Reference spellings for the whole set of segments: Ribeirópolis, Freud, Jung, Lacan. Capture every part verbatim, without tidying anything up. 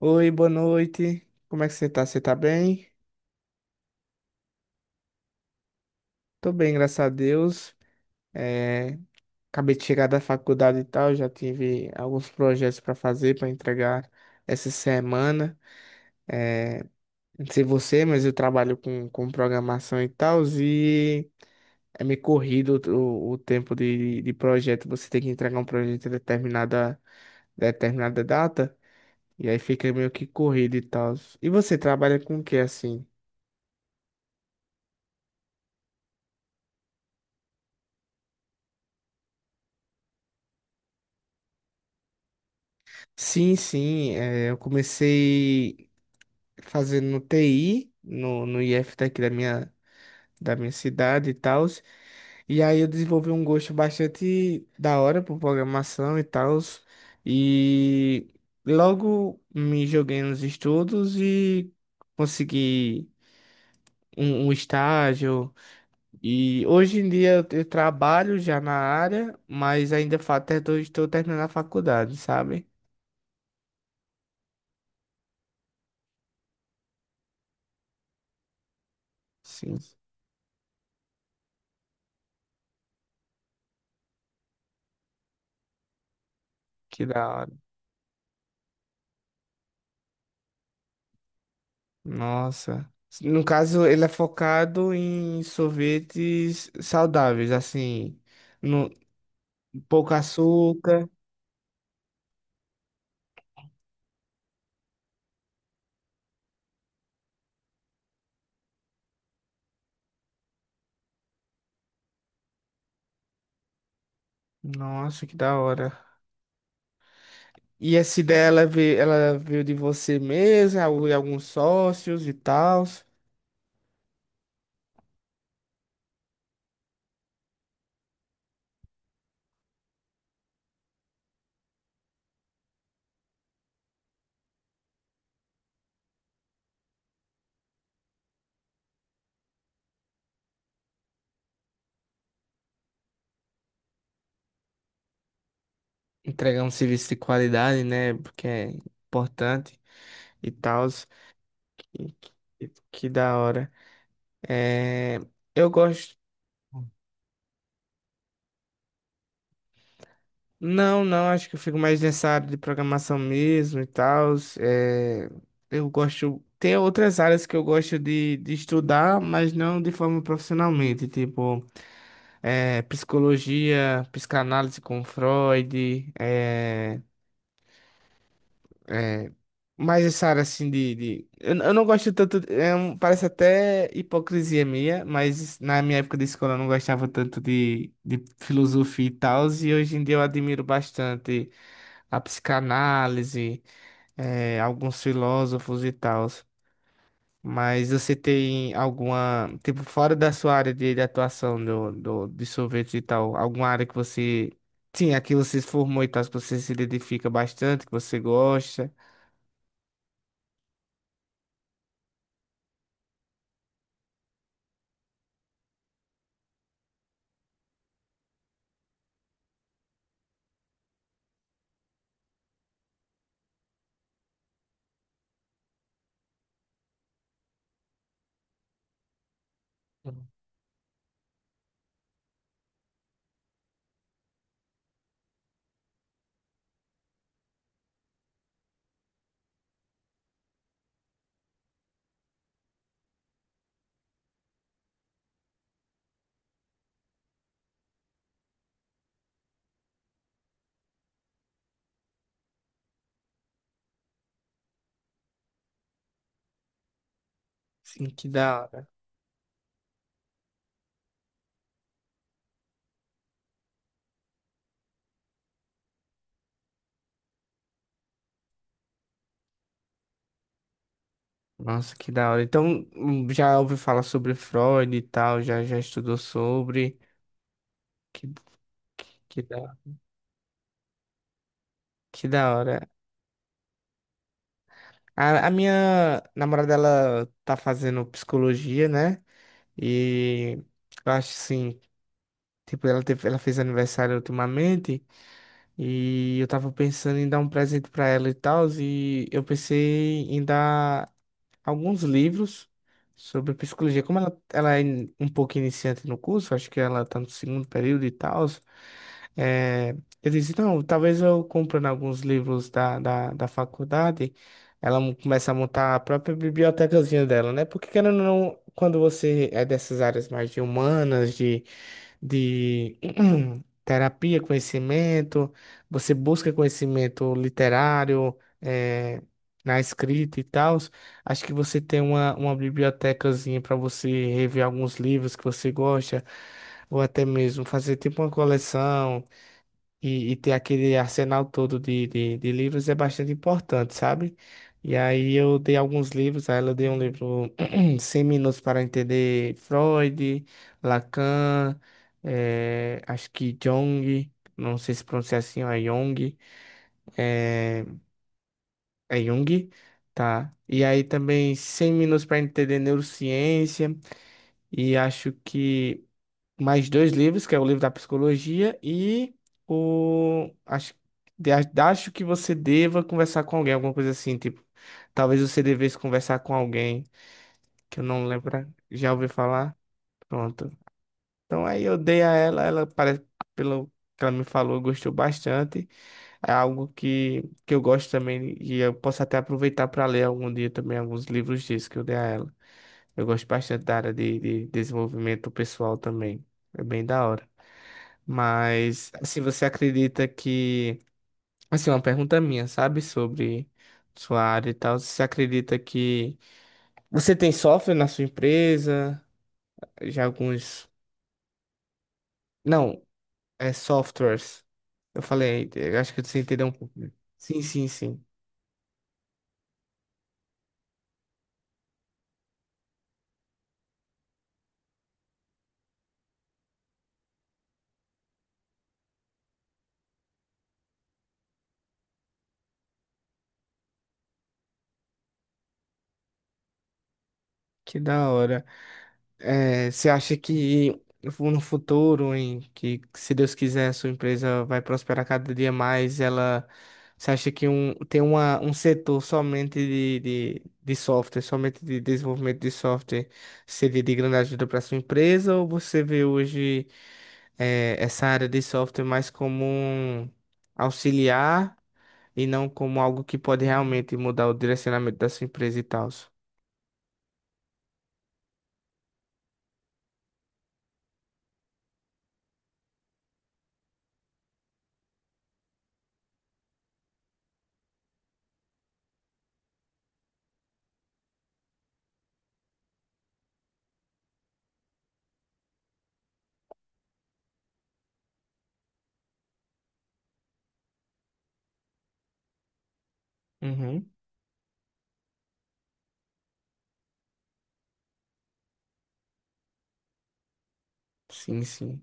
Oi, boa noite. Como é que você tá? Você tá bem? Tô bem, graças a Deus. É, acabei de chegar da faculdade e tal, já tive alguns projetos para fazer, para entregar essa semana. É, não sei você, mas eu trabalho com, com programação e tal, e é meio corrido o, o o tempo de, de projeto. Você tem que entregar um projeto em determinada, determinada data, e aí fica meio que corrido e tal. E você trabalha com o que assim? Sim, sim, é, eu comecei fazendo T I no, no ife daqui da minha, da minha cidade e tal, e aí eu desenvolvi um gosto bastante da hora por programação e tal, e logo me joguei nos estudos e consegui um, um estágio, e hoje em dia eu, eu trabalho já na área, mas ainda fa- até tô- estou terminando a faculdade, sabe? Sim, que da hora. Nossa. No caso, ele é focado em sorvetes saudáveis, assim, no pouco açúcar. Nossa, que da hora. E essa ideia ela veio, ela veio de você mesmo, é algu- é alguns sócios e tal. Entregar um serviço de qualidade, né? Porque é importante e tal. Que, que, que da hora. É, eu gosto. Não, não, acho que eu fico mais nessa área de programação mesmo e tal. É, eu gosto. Tem outras áreas que eu gosto de, de estudar, mas não de forma profissionalmente, tipo é, psicologia, psicanálise com Freud, é, mais essa área assim de, de- Eu, eu não gosto tanto. é um- parece até hipocrisia minha, mas na minha época de escola eu não gostava tanto de, de filosofia e tal, e hoje em dia eu admiro bastante a psicanálise. É, alguns filósofos e tal. Mas você tem alguma, tipo, fora da sua área de, de atuação do, do, de sorvetes e tal, alguma área que você, sim, aqui você se formou e tal, que você se identifica bastante, que você gosta? Sim, que da hora. Nossa, que da hora. Então, hum, já ouviu falar sobre Freud e tal, já, já estudou sobre. Que, que da, que da hora. A, a minha namorada, ela tá fazendo psicologia, né? E eu acho assim. Tipo, ela teve, ela fez aniversário ultimamente e eu tava pensando em dar um presente pra ela e tal, e eu pensei em dar alguns livros sobre psicologia. Como ela, ela é in- um pouco iniciante no curso, acho que ela tá no segundo período e tal, é, eu disse, não, talvez eu comprando alguns livros da, da, da faculdade, ela mo- começa a montar a própria bibliotecazinha dela, né? Porque querendo ou não, quando você é dessas áreas mais de humanas, de, de terapia, conhecimento, você busca conhecimento literário, é, na escrita e tal, acho que você tem uma, uma bibliotecazinha para você rever alguns livros que você gosta, ou até mesmo fazer tipo uma coleção e, e ter aquele arsenal todo de, de, de livros é bastante importante, sabe? E aí eu dei alguns livros, a ela deu um livro cem minutos para entender Freud, Lacan, eh, acho que Jung, não sei se pronuncia assim, ou é Jung, é, é Jung, tá? E aí também cem minutos para entender neurociência, e acho que mais dois livros, que é o livro da psicologia e o acho, de- acho que você deva conversar com alguém, alguma coisa assim, tipo, talvez você devesse conversar com alguém, que eu não lembro, já ouvi falar. Pronto. Então aí eu dei a ela, ela parece pelo que ela me falou, gostou bastante. É algo que que eu gosto também e eu posso até aproveitar para ler algum dia também alguns livros disso que eu dei a ela. Eu gosto bastante da área de, de desenvolvimento pessoal também. É bem da hora. Mas, assim, você acredita que. Assim, uma pergunta minha, sabe? Sobre sua área e tal. Você acredita que. Você tem software na sua empresa? Já alguns. Não, é softwares. Eu falei, eu acho que você entendeu um pouco. Sim, sim, sim. Que da hora. É, você acha que no futuro, em que se Deus quiser, a sua empresa vai prosperar cada dia mais, ela, você acha que um, tem uma, um setor somente de, de, de software, somente de desenvolvimento de software, seria de grande ajuda para sua empresa, ou você vê hoje é, essa área de software mais como um auxiliar e não como algo que pode realmente mudar o direcionamento da sua empresa e tal? Uhum. Sim, sim.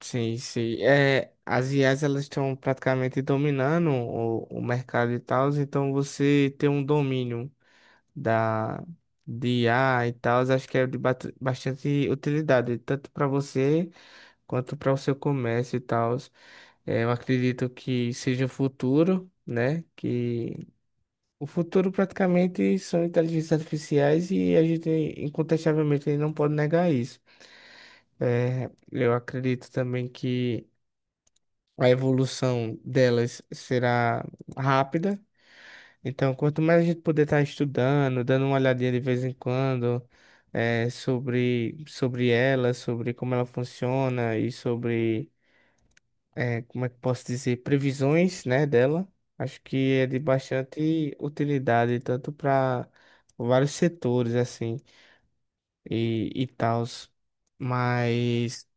Sim, sim. É, as I As elas estão praticamente dominando o, o mercado e tal, então você ter um domínio da de I a e tal, acho que é de bat- bastante utilidade, tanto para você quanto para o seu comércio e tal. É, eu acredito que seja o futuro, né? Que o futuro praticamente são inteligências artificiais e a gente incontestavelmente não pode negar isso. É, eu acredito também que a evolução delas será rápida. Então, quanto mais a gente puder estar estudando, dando uma olhadinha de vez em quando, eh, sobre, sobre ela, sobre como ela funciona e sobre, eh, como é que posso dizer, previsões, né, dela, acho que é de bastante utilidade, tanto para vários setores, assim, e, e tal. Mas.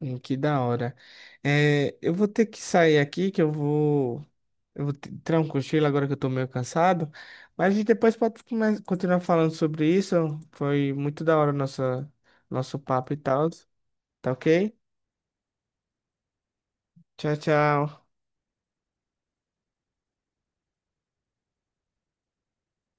Hum, Que da hora. É, eu vou ter que sair aqui, que eu vou. Eu vou te- tirar um cochilo agora que eu tô meio cansado. Mas a gente depois pode come- continuar falando sobre isso. Foi muito da hora nossa, nosso papo e tal. Tá ok? Tchau, tchau.